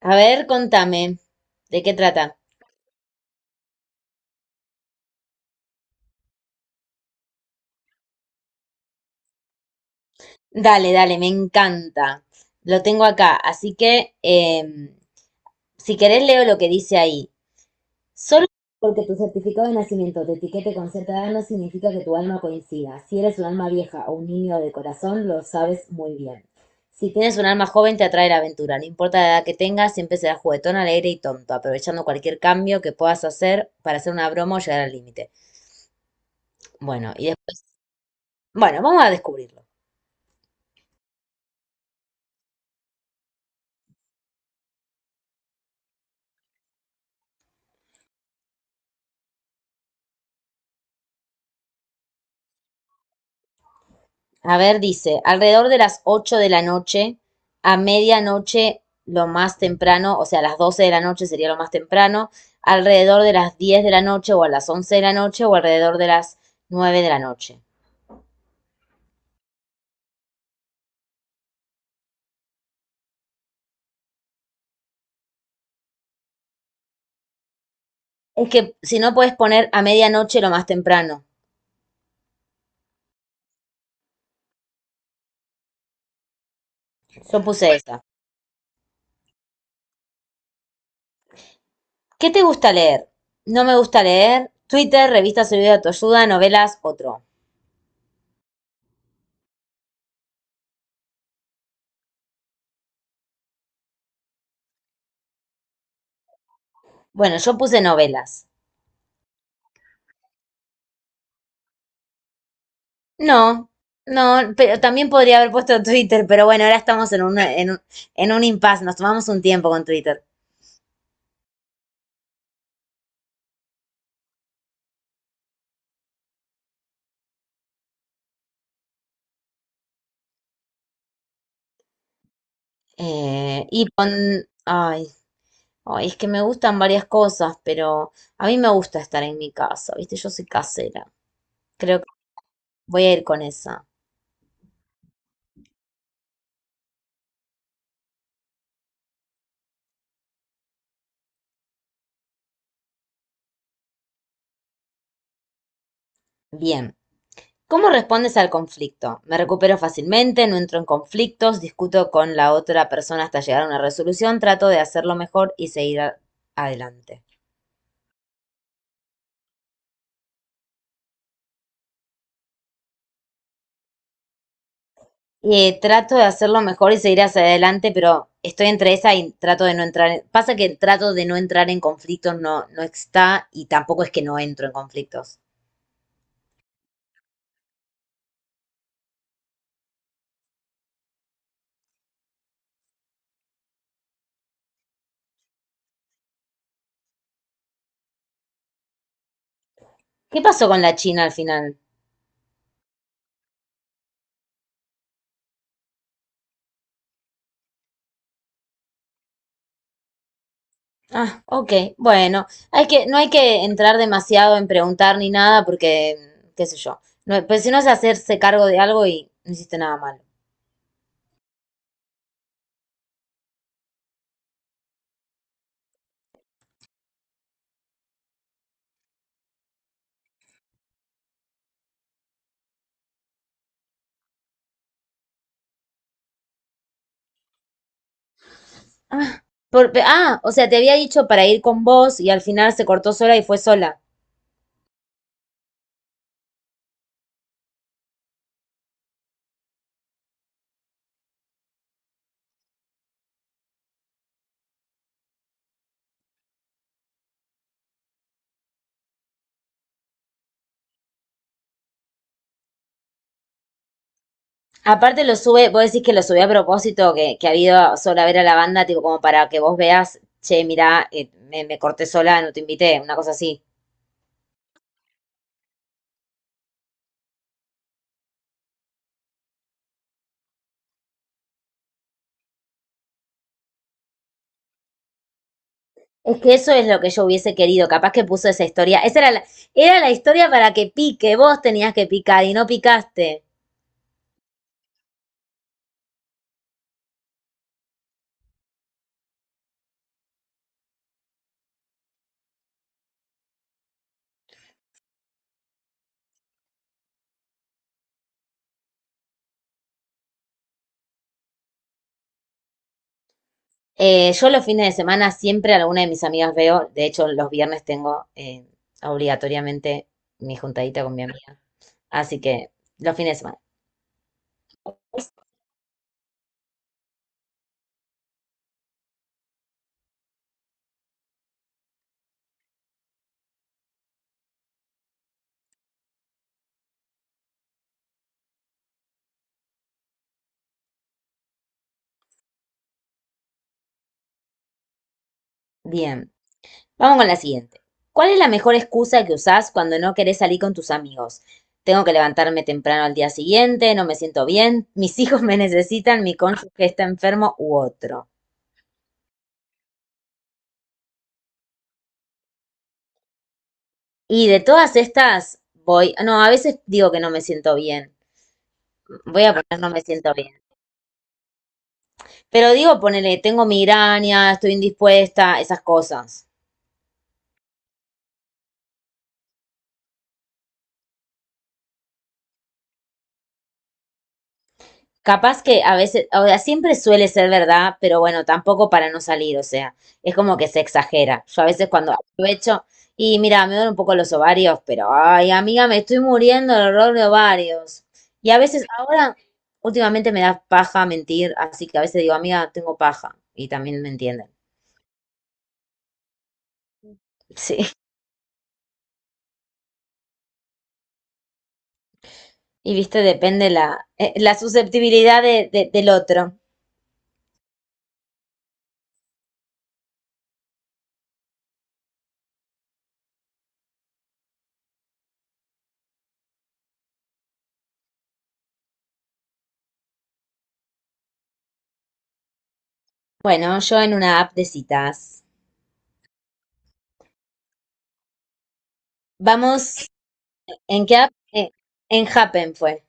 A ver, contame, ¿de qué trata? Dale, dale, me encanta. Lo tengo acá, así que si querés leo lo que dice ahí. Solo porque tu certificado de nacimiento te etiquete con cierta edad no significa que tu alma coincida. Si eres un alma vieja o un niño de corazón, lo sabes muy bien. Si tienes un alma joven, te atrae la aventura. No importa la edad que tengas, siempre serás juguetón, alegre y tonto, aprovechando cualquier cambio que puedas hacer para hacer una broma o llegar al límite. Bueno, y después, bueno, vamos a descubrirlo. A ver, dice, alrededor de las 8 de la noche, a medianoche lo más temprano, o sea, a las 12 de la noche sería lo más temprano, alrededor de las 10 de la noche o a las 11 de la noche o alrededor de las 9 de la noche. Es que si no puedes poner a medianoche lo más temprano. Yo puse esa. ¿Qué te gusta leer? No me gusta leer. Twitter, revistas y video de autoayuda, novelas, otro. Bueno, yo puse novelas. No, no, pero también podría haber puesto Twitter, pero bueno, ahora estamos en un impasse, nos tomamos un tiempo con Twitter. Y con, ay, ay, es que me gustan varias cosas, pero a mí me gusta estar en mi casa, ¿viste? Yo soy casera. Creo que voy a ir con esa. Bien. ¿Cómo respondes al conflicto? Me recupero fácilmente, no entro en conflictos, discuto con la otra persona hasta llegar a una resolución, trato de hacerlo mejor y seguir adelante. Trato de hacerlo mejor y seguir hacia adelante, pero estoy entre esa y trato de no entrar. Pasa que trato de no entrar en conflictos no, no está y tampoco es que no entro en conflictos. ¿Qué pasó con la China al final? Ah, ok, bueno, hay que, no hay que entrar demasiado en preguntar ni nada porque, qué sé yo, no, pues si no es hacerse cargo de algo y no hiciste nada malo. Ah, ah, o sea, te había dicho para ir con vos y al final se cortó sola y fue sola. Aparte lo sube, vos decís que lo subí a propósito, que ha habido sola a ver a la banda, tipo como para que vos veas, che, mirá, me corté sola, no te invité, una cosa así. Es que eso es lo que yo hubiese querido, capaz que puso esa historia, era la historia para que pique, vos tenías que picar y no picaste. Yo los fines de semana siempre a alguna de mis amigas veo, de hecho los viernes tengo obligatoriamente mi juntadita con mi amiga, así que los fines de semana. Bien. Vamos con la siguiente. ¿Cuál es la mejor excusa que usás cuando no querés salir con tus amigos? Tengo que levantarme temprano al día siguiente, no me siento bien, mis hijos me necesitan, mi cónyuge está enfermo u otro. Y de todas estas, voy, no, a veces digo que no me siento bien. Voy a poner no me siento bien. Pero digo, ponele, tengo migraña, estoy indispuesta, esas cosas. Capaz que a veces, o sea, siempre suele ser verdad, pero bueno, tampoco para no salir, o sea, es como que se exagera. Yo a veces cuando aprovecho y mira, me duelen un poco los ovarios, pero ay, amiga, me estoy muriendo del dolor de ovarios. Y a veces ahora, últimamente me da paja mentir, así que a veces digo, amiga, tengo paja, y también me entienden. Sí, y viste, depende la susceptibilidad del otro. Bueno, yo en una app de citas. Vamos, ¿en qué app? En Happen fue.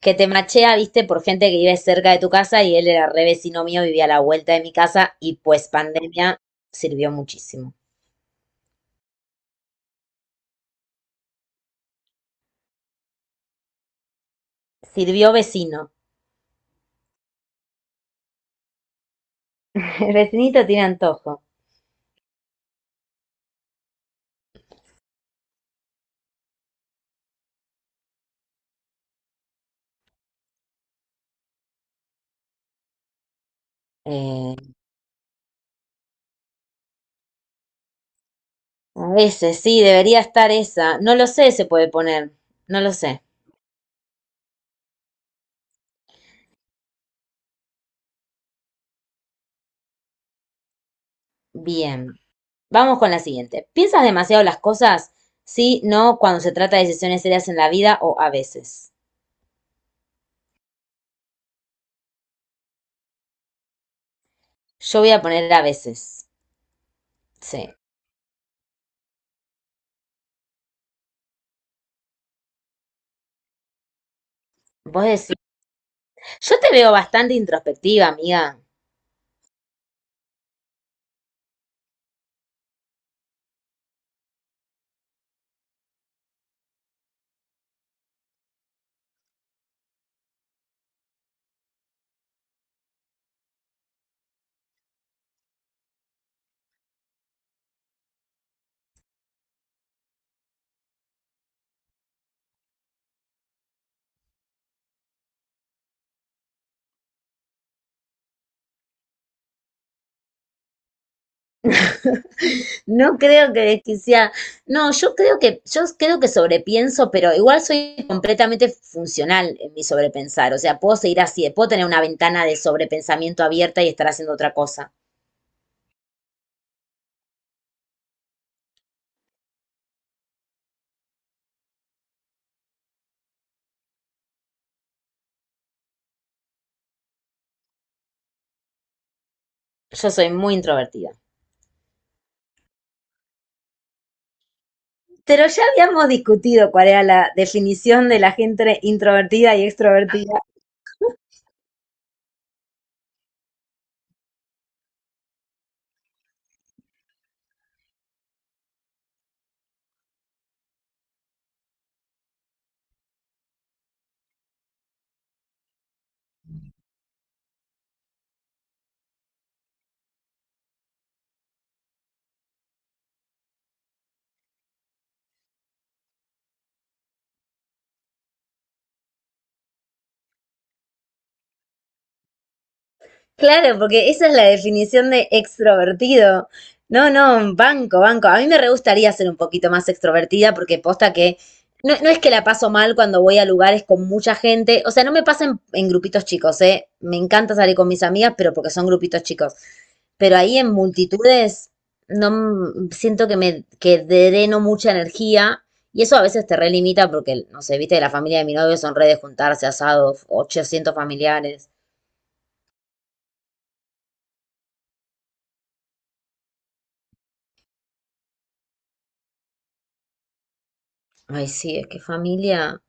Que te machea, viste, por gente que vive cerca de tu casa y él era re vecino mío, vivía a la vuelta de mi casa y pues pandemia sirvió muchísimo. Sirvió vecino. El vecinito tiene antojo. Eh, a veces sí, debería estar esa. No lo sé, se puede poner. No lo sé. Bien. Vamos con la siguiente. ¿Piensas demasiado las cosas? Sí, no, cuando se trata de decisiones serias en la vida o a veces. Yo voy a poner a veces. Sí. Vos decís. Yo te veo bastante introspectiva, amiga. No creo que desquiciada. No, yo creo que sobrepienso, pero igual soy completamente funcional en mi sobrepensar. O sea, puedo seguir así, puedo tener una ventana de sobrepensamiento abierta y estar haciendo otra cosa. Yo soy muy introvertida. Pero ya habíamos discutido cuál era la definición de la gente introvertida y extrovertida. Claro, porque esa es la definición de extrovertido. No, no, banco, banco. A mí me re gustaría ser un poquito más extrovertida porque posta que no, no es que la paso mal cuando voy a lugares con mucha gente. O sea, no me pasa en grupitos chicos, ¿eh? Me encanta salir con mis amigas, pero porque son grupitos chicos. Pero ahí en multitudes no m- siento que me que dreno mucha energía y eso a veces te relimita porque, no sé, viste, la familia de mi novio son redes juntarse, asados, 800 familiares. Ay, sí, es que familia.